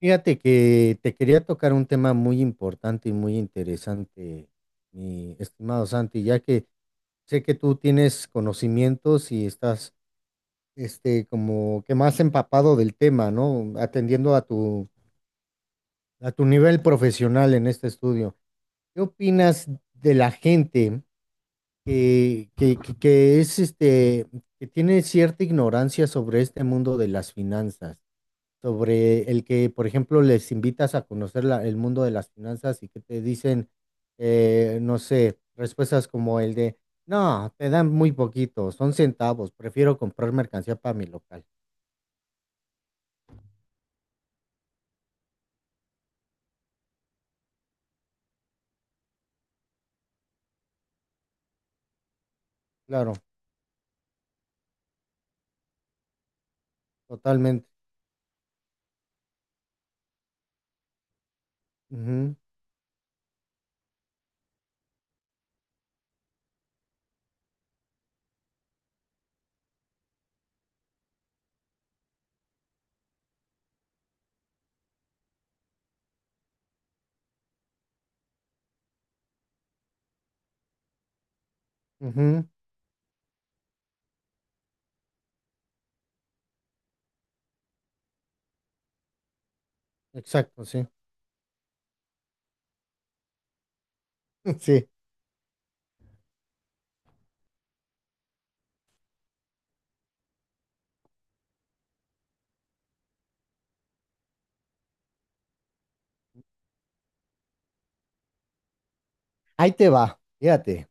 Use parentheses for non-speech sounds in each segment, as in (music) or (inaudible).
Fíjate que te quería tocar un tema muy importante y muy interesante, mi estimado Santi, ya que sé que tú tienes conocimientos y estás, como que más empapado del tema, ¿no? Atendiendo a tu nivel profesional en este estudio. ¿Qué opinas de la gente que, que, que que es, este, que tiene cierta ignorancia sobre este mundo de las finanzas? Sobre el que, por ejemplo, les invitas a conocer el mundo de las finanzas y que te dicen, no sé, respuestas como el de, no, te dan muy poquito, son centavos, prefiero comprar mercancía para mi local. Claro, totalmente. Ujú, ujú, exacto, sí. (laughs) Sí, ahí te va, fíjate.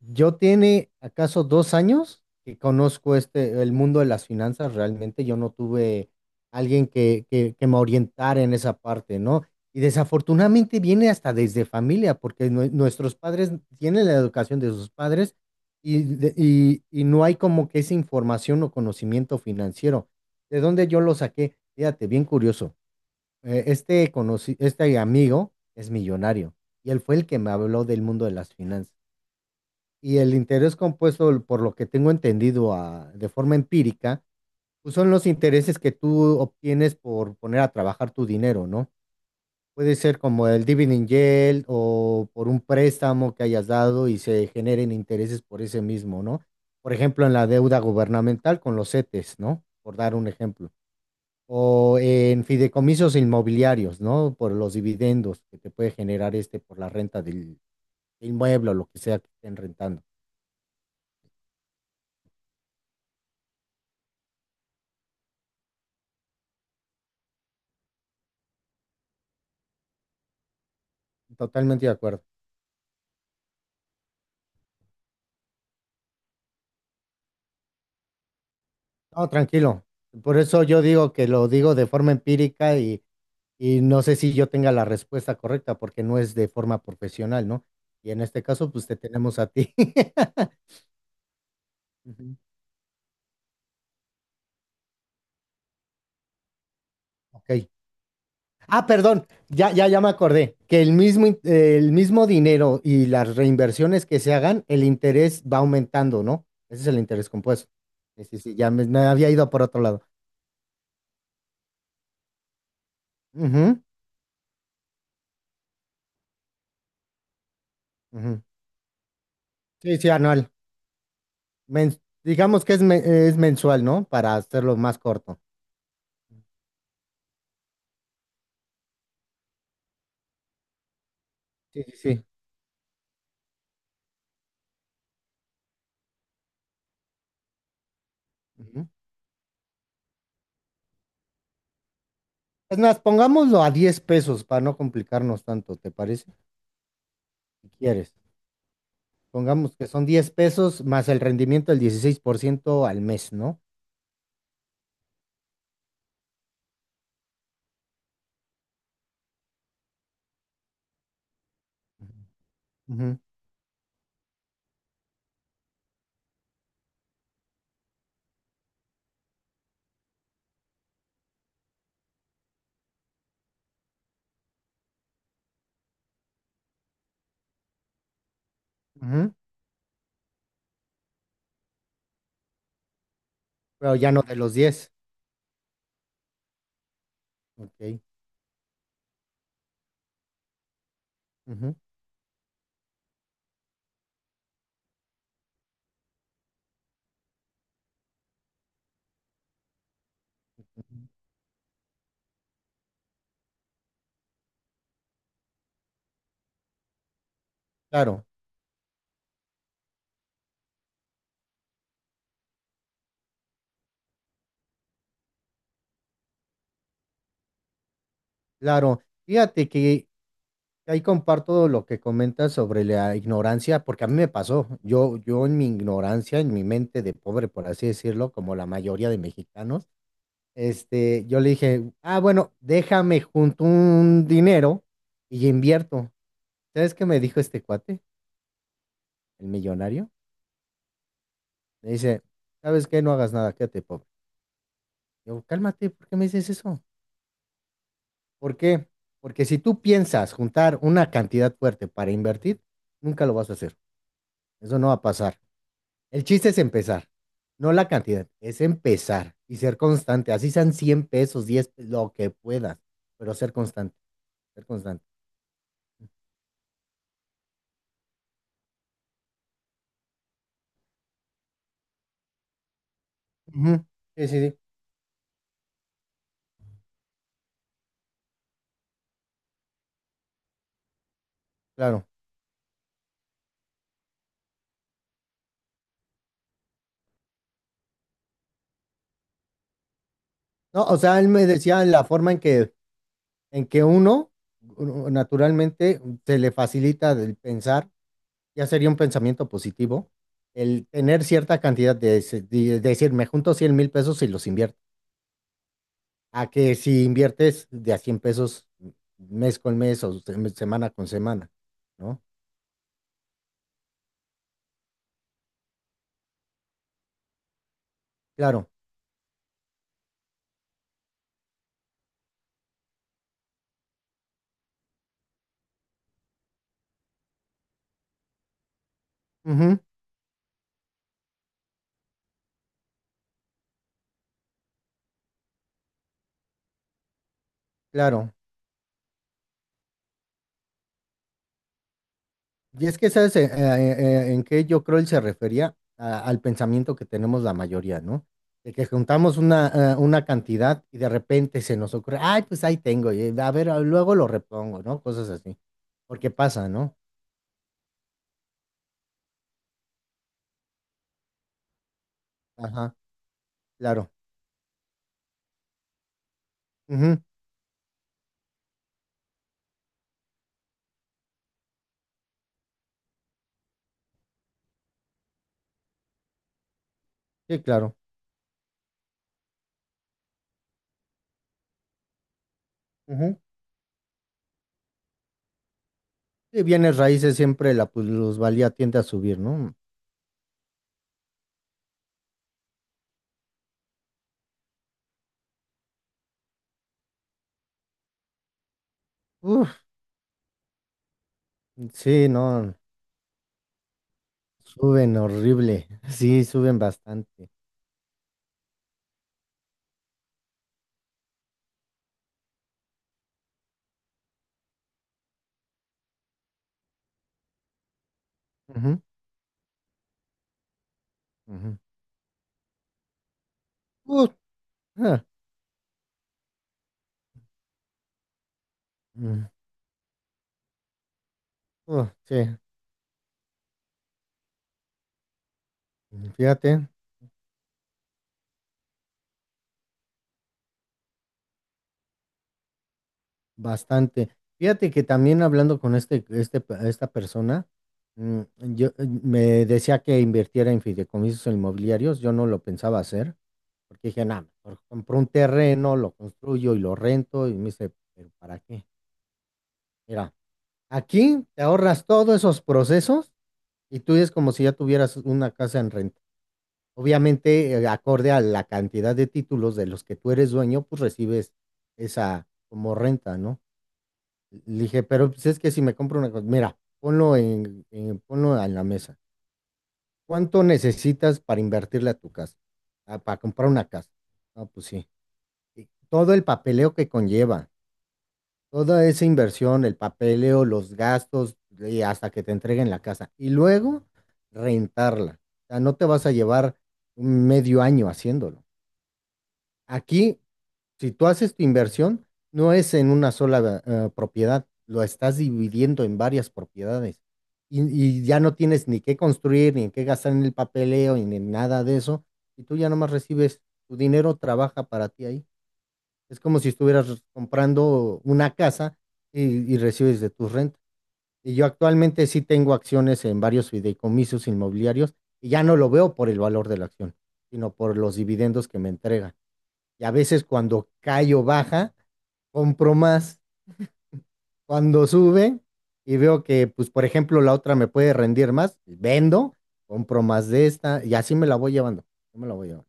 Yo tiene acaso 2 años que conozco el mundo de las finanzas, realmente yo no tuve alguien que me orientara en esa parte, ¿no? Y desafortunadamente viene hasta desde familia, porque nuestros padres tienen la educación de sus padres y no hay como que esa información o conocimiento financiero. ¿De dónde yo lo saqué? Fíjate, bien curioso. Este amigo es millonario y él fue el que me habló del mundo de las finanzas. Y el interés compuesto, por lo que tengo entendido de forma empírica, pues son los intereses que tú obtienes por poner a trabajar tu dinero, ¿no? Puede ser como el dividend yield o por un préstamo que hayas dado y se generen intereses por ese mismo, ¿no? Por ejemplo, en la deuda gubernamental con los CETES, ¿no? Por dar un ejemplo. O en fideicomisos inmobiliarios, ¿no? Por los dividendos que te puede generar este por la renta del inmueble o lo que sea que estén rentando. Totalmente de acuerdo. No, tranquilo. Por eso yo digo que lo digo de forma empírica y no sé si yo tenga la respuesta correcta porque no es de forma profesional, ¿no? Y en este caso, pues te tenemos a ti. (laughs) Ujú, Ok. Ah, perdón, ya, ya, ya me acordé que el mismo dinero y las reinversiones que se hagan, el interés va aumentando, ¿no? Ese es el interés compuesto. Sí, sí, sí, ya me había ido por otro lado. Ujú, ujú. Sí, sí, anual. Digamos que es mensual, ¿no? Para hacerlo más corto. Sí, sí, sí. Ujú. Es más, pongámoslo a 10 pesos para no complicarnos tanto, ¿te parece? Si quieres. Pongamos que son 10 pesos más el rendimiento del 16% al mes, ¿no? Ujú, ujú. Pero ya no de los diez. Ok. Ujú, ujú. Claro, claro. Fíjate que ahí comparto lo que comentas sobre la ignorancia, porque a mí me pasó. Yo en mi ignorancia, en mi mente de pobre, por así decirlo, como la mayoría de mexicanos, yo le dije, ah, bueno, déjame junto un dinero y invierto. ¿Sabes qué me dijo este cuate, el millonario? Me dice, ¿sabes qué? No hagas nada, quédate pobre. Yo, cálmate, ¿por qué me dices eso? ¿Por qué? Porque si tú piensas juntar una cantidad fuerte para invertir, nunca lo vas a hacer. Eso no va a pasar. El chiste es empezar, no la cantidad, es empezar y ser constante. Así sean 100 pesos, lo que puedas, pero ser constante, ser constante. Ujú, sí, sí, sí, claro. No, o sea, él me decía la forma en que uno naturalmente se le facilita el pensar, ya sería un pensamiento positivo, el tener cierta cantidad de decir, me junto 100,000 pesos y los invierto. A que si inviertes de a 100 pesos mes con mes o semana con semana, ¿no? Claro, ujú, claro. Y es que sabes, en qué yo creo él se refería al pensamiento que tenemos la mayoría, ¿no? De que juntamos una cantidad y de repente se nos ocurre, ay, pues ahí tengo, y a ver, ah, luego lo repongo, ¿no? Cosas así. Porque pasa, ¿no? Ajá, claro. Ujú, sí, claro. Ujú. Y bienes raíces siempre la plusvalía tiende a subir, ¿no? Uf, sí, no, suben horrible. (laughs) Sí, suben bastante. Ujú, ujú. Uh, ah, mm, sí, mm, fíjate, bastante. Fíjate que también hablando con esta persona, mm, yo me decía que invirtiera en fideicomisos inmobiliarios. Yo no lo pensaba hacer, porque dije, nada, mejor compro un terreno, lo construyo y lo rento. Y me dice, ¿pero para qué? Mira, aquí te ahorras todos esos procesos. Y tú es como si ya tuvieras una casa en renta. Obviamente, acorde a la cantidad de títulos de los que tú eres dueño, pues recibes esa como renta, ¿no? Le dije, pero pues es que si me compro una cosa, mira, ponlo en la mesa. ¿Cuánto necesitas para invertirle a tu casa? Ah, para comprar una casa. Ah, pues sí. Y todo el papeleo que conlleva. Toda esa inversión, el papeleo, los gastos, y hasta que te entreguen la casa. Y luego rentarla. O sea, no te vas a llevar medio año haciéndolo. Aquí, si tú haces tu inversión, no es en una sola propiedad, lo estás dividiendo en varias propiedades. Y, y ya no tienes ni qué construir, ni en qué gastar en el papeleo, ni en nada de eso. Y tú ya nomás recibes tu dinero, trabaja para ti ahí. Es como si estuvieras comprando una casa y, y recibes de tus rentas. Y yo actualmente sí tengo acciones en varios fideicomisos inmobiliarios y ya no lo veo por el valor de la acción, sino por los dividendos que me entregan. Y a veces cuando cae o baja, compro más. Cuando sube y veo que, pues, por ejemplo, la otra me puede rendir más, vendo, compro más de esta y así me la voy llevando. Yo me la voy llevando.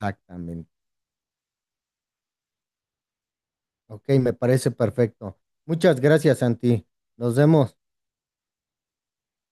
Exactamente. Ok, me parece perfecto. Muchas gracias, Santi. Nos vemos.